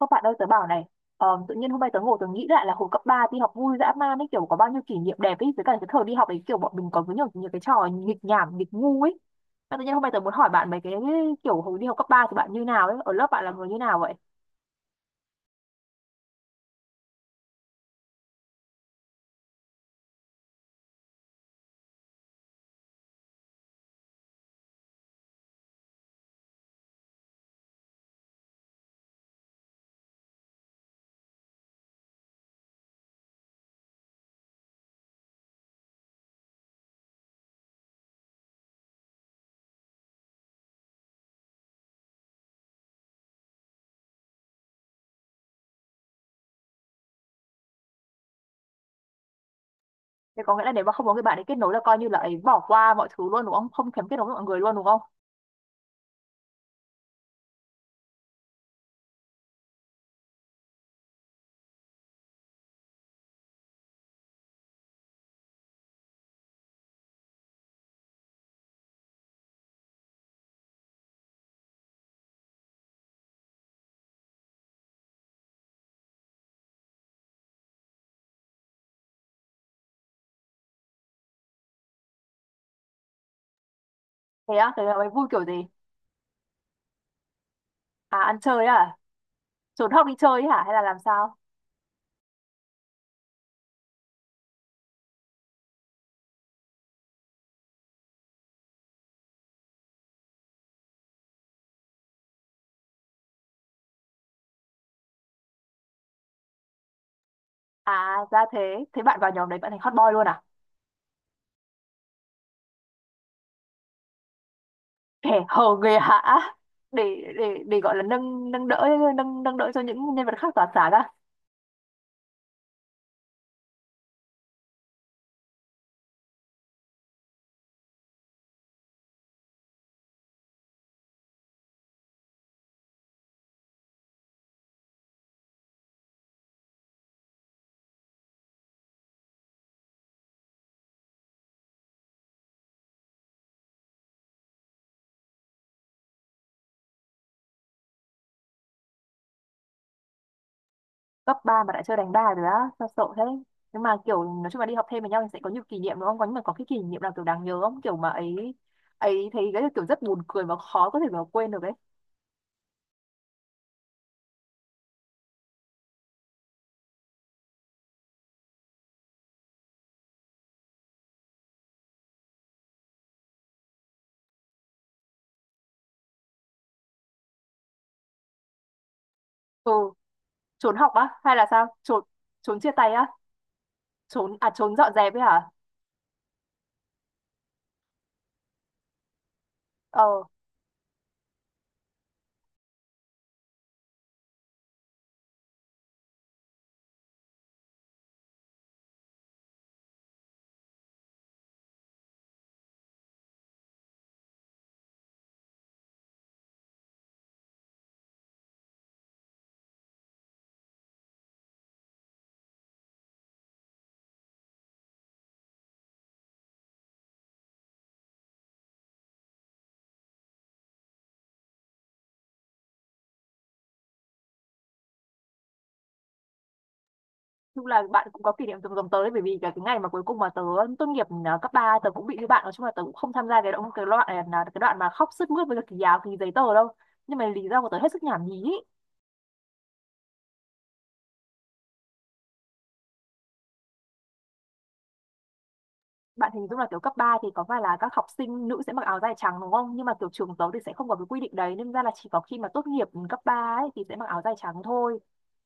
Các bạn ơi tớ bảo này. Tự nhiên hôm nay tớ ngồi tớ nghĩ lại là hồi cấp 3 đi học vui dã man ấy, kiểu có bao nhiêu kỷ niệm đẹp ấy, với cả cái thời đi học ấy kiểu bọn mình có với nhiều cái trò nghịch nhảm nghịch ngu ấy. Mà tự nhiên hôm nay tớ muốn hỏi bạn mấy cái, kiểu hồi đi học cấp 3 thì bạn như nào ấy, ở lớp bạn là người như nào vậy? Thế có nghĩa là nếu mà không có người bạn ấy kết nối là coi như là ấy bỏ qua mọi thứ luôn đúng không, không thèm kết nối với mọi người luôn đúng không? Thế á? Thế là mày vui kiểu gì? À ăn chơi à? Trốn học đi chơi ấy hả, hay là làm sao? À ra thế, thế bạn vào nhóm đấy bạn thành hot boy luôn à? Kẻ hầu người hạ. Để để để gọi là nâng nâng đỡ, nâng nâng đỡ cho những nhân vật khác tỏa sáng á? Cấp ba mà đã chơi đánh đài rồi á? Sao sợ thế? Nhưng mà kiểu nói chung là đi học thêm với nhau thì sẽ có nhiều kỷ niệm đúng không? Có nhưng mà có cái kỷ niệm nào kiểu đáng nhớ không, kiểu mà ấy, ấy thấy cái kiểu rất buồn cười và khó có thể mà quên được ấy? Ừ. Trốn học á hay là sao? Trốn, trốn chia tay á? Trốn à, trốn dọn dẹp ấy hả? Ờ. Chung là bạn cũng có kỷ niệm từng giống tớ đấy, bởi vì cái ngày mà cuối cùng mà tớ tốt nghiệp cấp 3 tớ cũng bị như bạn, nói chung là tớ cũng không tham gia cái đoạn là cái đoạn mà khóc sướt mướt với cả kỳ áo kỳ giấy tờ đâu, nhưng mà lý do của tớ hết sức nhảm nhí ý. Bạn hình dung là kiểu cấp 3 thì có phải là các học sinh nữ sẽ mặc áo dài trắng đúng không? Nhưng mà kiểu trường tớ thì sẽ không có cái quy định đấy nên ra là chỉ có khi mà tốt nghiệp cấp 3 ấy thì sẽ mặc áo dài trắng thôi.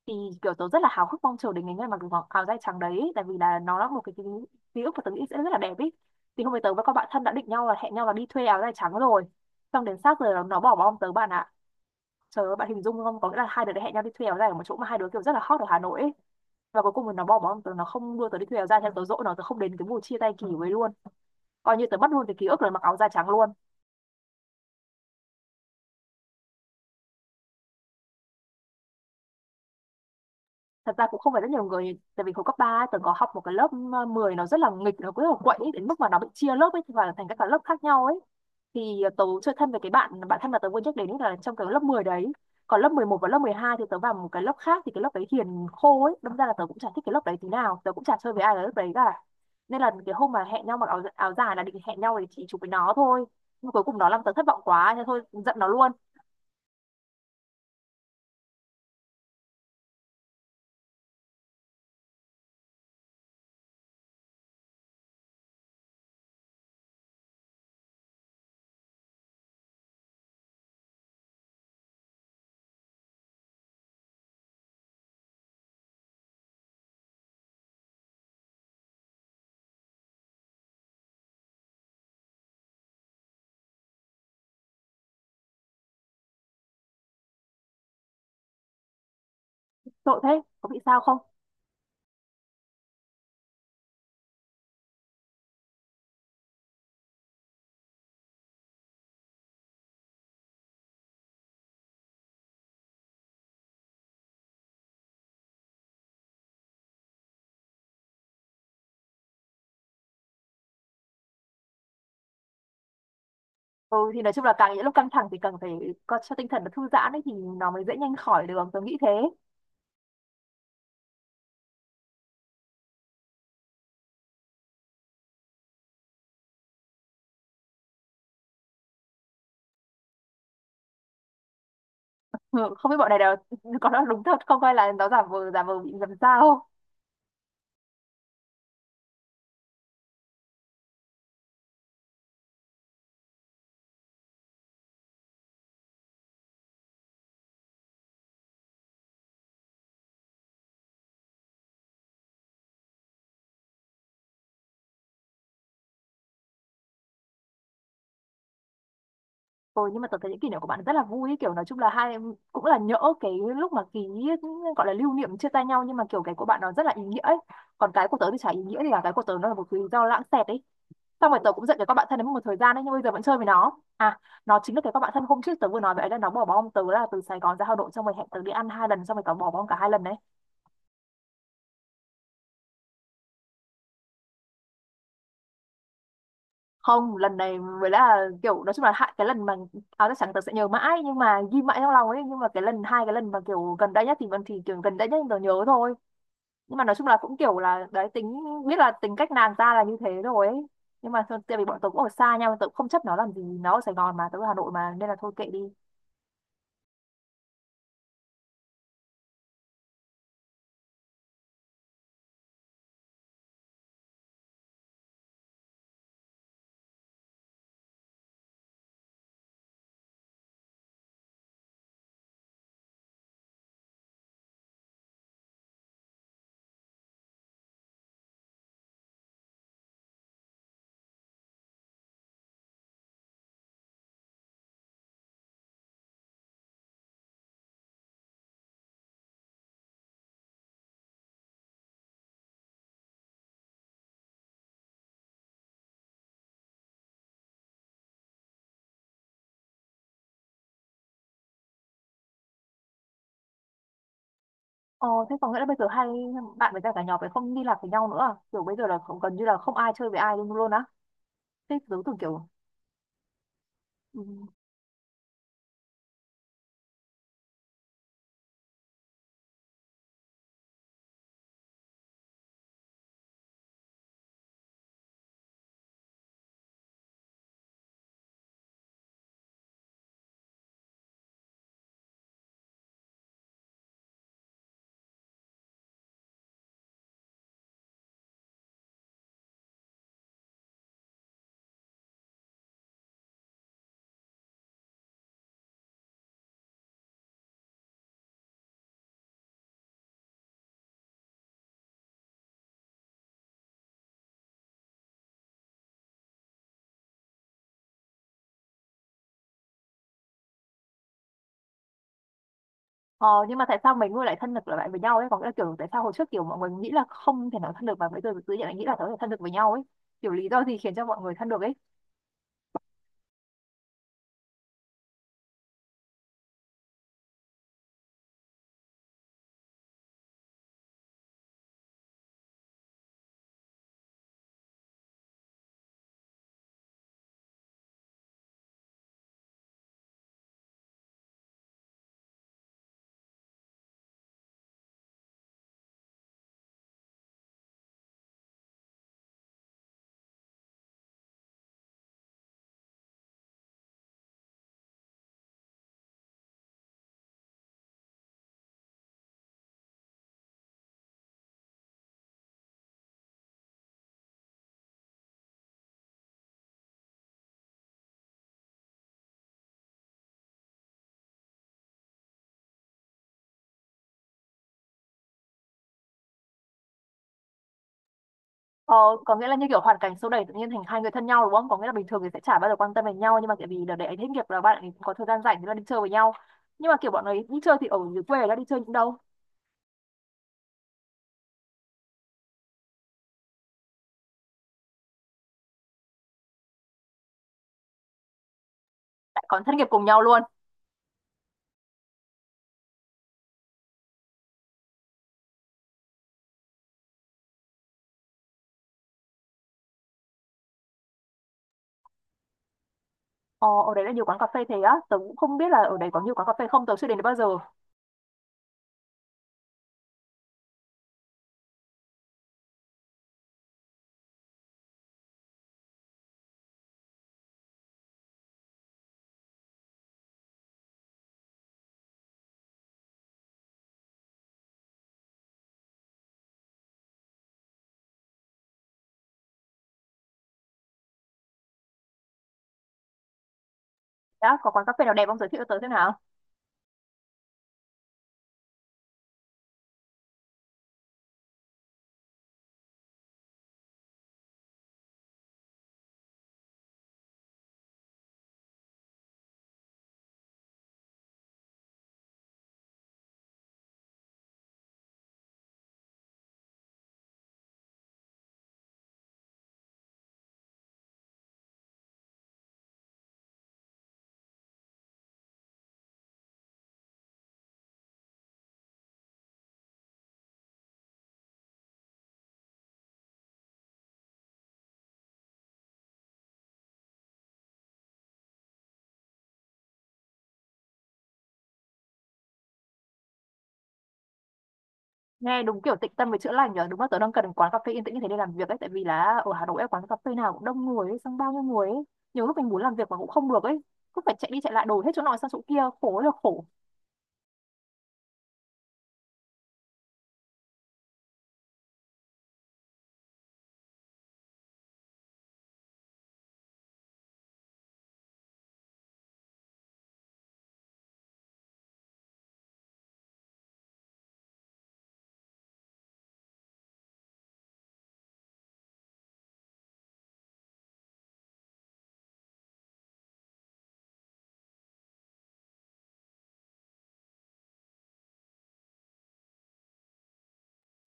Thì kiểu tớ rất là háo hức mong chờ đến ngày ngày mặc mặc áo dài trắng đấy, tại vì là nó là một cái ký ức mà tớ nghĩ sẽ rất là đẹp ý. Thì hôm nay tớ với các bạn thân đã định nhau là hẹn nhau là đi thuê áo dài trắng rồi. Xong đến sát giờ nó bỏ bom tớ bạn ạ. Trời ơi, bạn hình dung không? Có nghĩa là hai đứa đã hẹn nhau đi thuê áo dài ở một chỗ mà hai đứa kiểu rất là hot ở Hà Nội ấy, và cuối cùng thì nó bỏ bóng tớ, nó không đưa tớ đi thuê áo dài theo, tớ dỗi nó, tớ không đến cái buổi chia tay kỳ với luôn, coi như tớ mất luôn cái ký ức là mặc áo da trắng luôn. Thật ra cũng không phải rất nhiều người, tại vì hồi cấp 3 ấy, tớ có học một cái lớp 10, nó rất là nghịch, nó cứ là quậy ấy, đến mức mà nó bị chia lớp ấy và thành các cái lớp khác nhau ấy. Thì tớ chơi thân với cái bạn bạn thân mà tớ vừa nhắc đến ấy là trong cái lớp 10 đấy, còn lớp 11 và lớp 12 thì tớ vào một cái lớp khác, thì cái lớp đấy hiền khô ấy, đâm ra là tớ cũng chả thích cái lớp đấy tí nào, tớ cũng chả chơi với ai ở lớp đấy cả. Nên là cái hôm mà hẹn nhau mặc áo dài là định hẹn nhau để chỉ chụp với nó thôi, nhưng cuối cùng nó làm tớ thất vọng quá nên thôi, giận nó luôn. Tội thế, có bị sao không? Ừ thì nói chung là càng những lúc căng thẳng thì cần phải có cho tinh thần nó thư giãn ấy thì nó mới dễ nhanh khỏi được, tôi nghĩ thế. Ừ, không biết bọn này đều có nói đúng thật không, hay là nó giả vờ bị làm sao. Ừ, nhưng mà tớ thấy những kỷ niệm của bạn rất là vui ấy, kiểu nói chung là hai em cũng là nhỡ cái lúc mà ký, gọi là lưu niệm chia tay nhau, nhưng mà kiểu cái của bạn nó rất là ý nghĩa ấy, còn cái của tớ thì chả ý nghĩa gì cả, cái của tớ nó là một cái lý do lãng xẹt ấy. Xong rồi tớ cũng giận cái con bạn thân đấy một thời gian đấy, nhưng bây giờ vẫn chơi với nó à, nó chính là cái con bạn thân hôm trước tớ vừa nói vậy ấy, là nó bỏ bom tớ là từ Sài Gòn ra Hà Nội xong rồi hẹn tớ đi ăn hai lần, xong rồi tớ bỏ bom cả hai lần đấy. Không, lần này mới là kiểu nói chung là hại, cái lần mà áo chắc chắn tớ sẽ nhớ mãi, nhưng mà ghi mãi trong lòng ấy, nhưng mà cái lần hai, cái lần mà kiểu gần đây nhất thì vẫn, thì kiểu gần đây nhất tớ nhớ thôi. Nhưng mà nói chung là cũng kiểu là đấy, tính biết là tính cách nàng ta là như thế rồi ấy, nhưng mà thôi, tại vì bọn tớ cũng ở xa nhau tớ cũng không chấp nó làm gì, nó ở Sài Gòn mà tớ ở Hà Nội mà nên là thôi kệ đi. Ờ, thế có nghĩa là bây giờ hai bạn với cả cả nhóm ấy không liên lạc với nhau nữa à? Kiểu bây giờ là không, gần như là không ai chơi với ai luôn luôn á. Thế tớ tưởng kiểu... Ừ. Ờ, nhưng mà tại sao mấy người lại thân được lại với nhau ấy? Có nghĩa là kiểu tại sao hồi trước kiểu mọi người nghĩ là không thể nói thân được mà bây giờ tự nhiên lại nghĩ là có thể thân được với nhau ấy. Kiểu lý do gì khiến cho mọi người thân được ấy? Ờ, có nghĩa là như kiểu hoàn cảnh xô đẩy tự nhiên thành hai người thân nhau đúng không? Có nghĩa là bình thường thì sẽ chả bao giờ quan tâm đến nhau nhưng mà tại vì đợt đấy hết nghiệp là bạn ấy có thời gian rảnh thì là đi chơi với nhau. Nhưng mà kiểu bọn ấy đi chơi thì ở dưới quê là đi chơi những đâu? Lại còn thất nghiệp cùng nhau luôn. Ờ, ở đấy là nhiều quán cà phê thế á, tớ cũng không biết là ở đấy có nhiều quán cà phê không, tớ chưa đến đấy bao giờ. Đã, có quán cà phê nào đẹp không, giới thiệu cho tớ xem nào? Nghe đúng kiểu tịnh tâm với chữa lành nhở, đúng là tớ đang cần quán cà phê yên tĩnh như thế để làm việc ấy, tại vì là ở Hà Nội ấy, quán cà phê nào cũng đông người ấy, xong bao nhiêu người ấy. Nhiều lúc mình muốn làm việc mà cũng không được ấy, cứ phải chạy đi chạy lại đổi hết chỗ này sang chỗ kia, khổ ơi là khổ.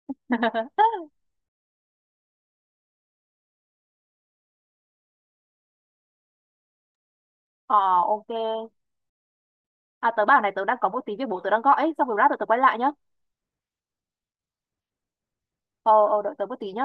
Ờ, ok. À, tớ bảo này, tớ đang có một tí việc bố tớ đang gọi ấy, xong rồi lát tớ tớ quay lại nhá. Ờ, ờ, đợi tớ một tí nhá.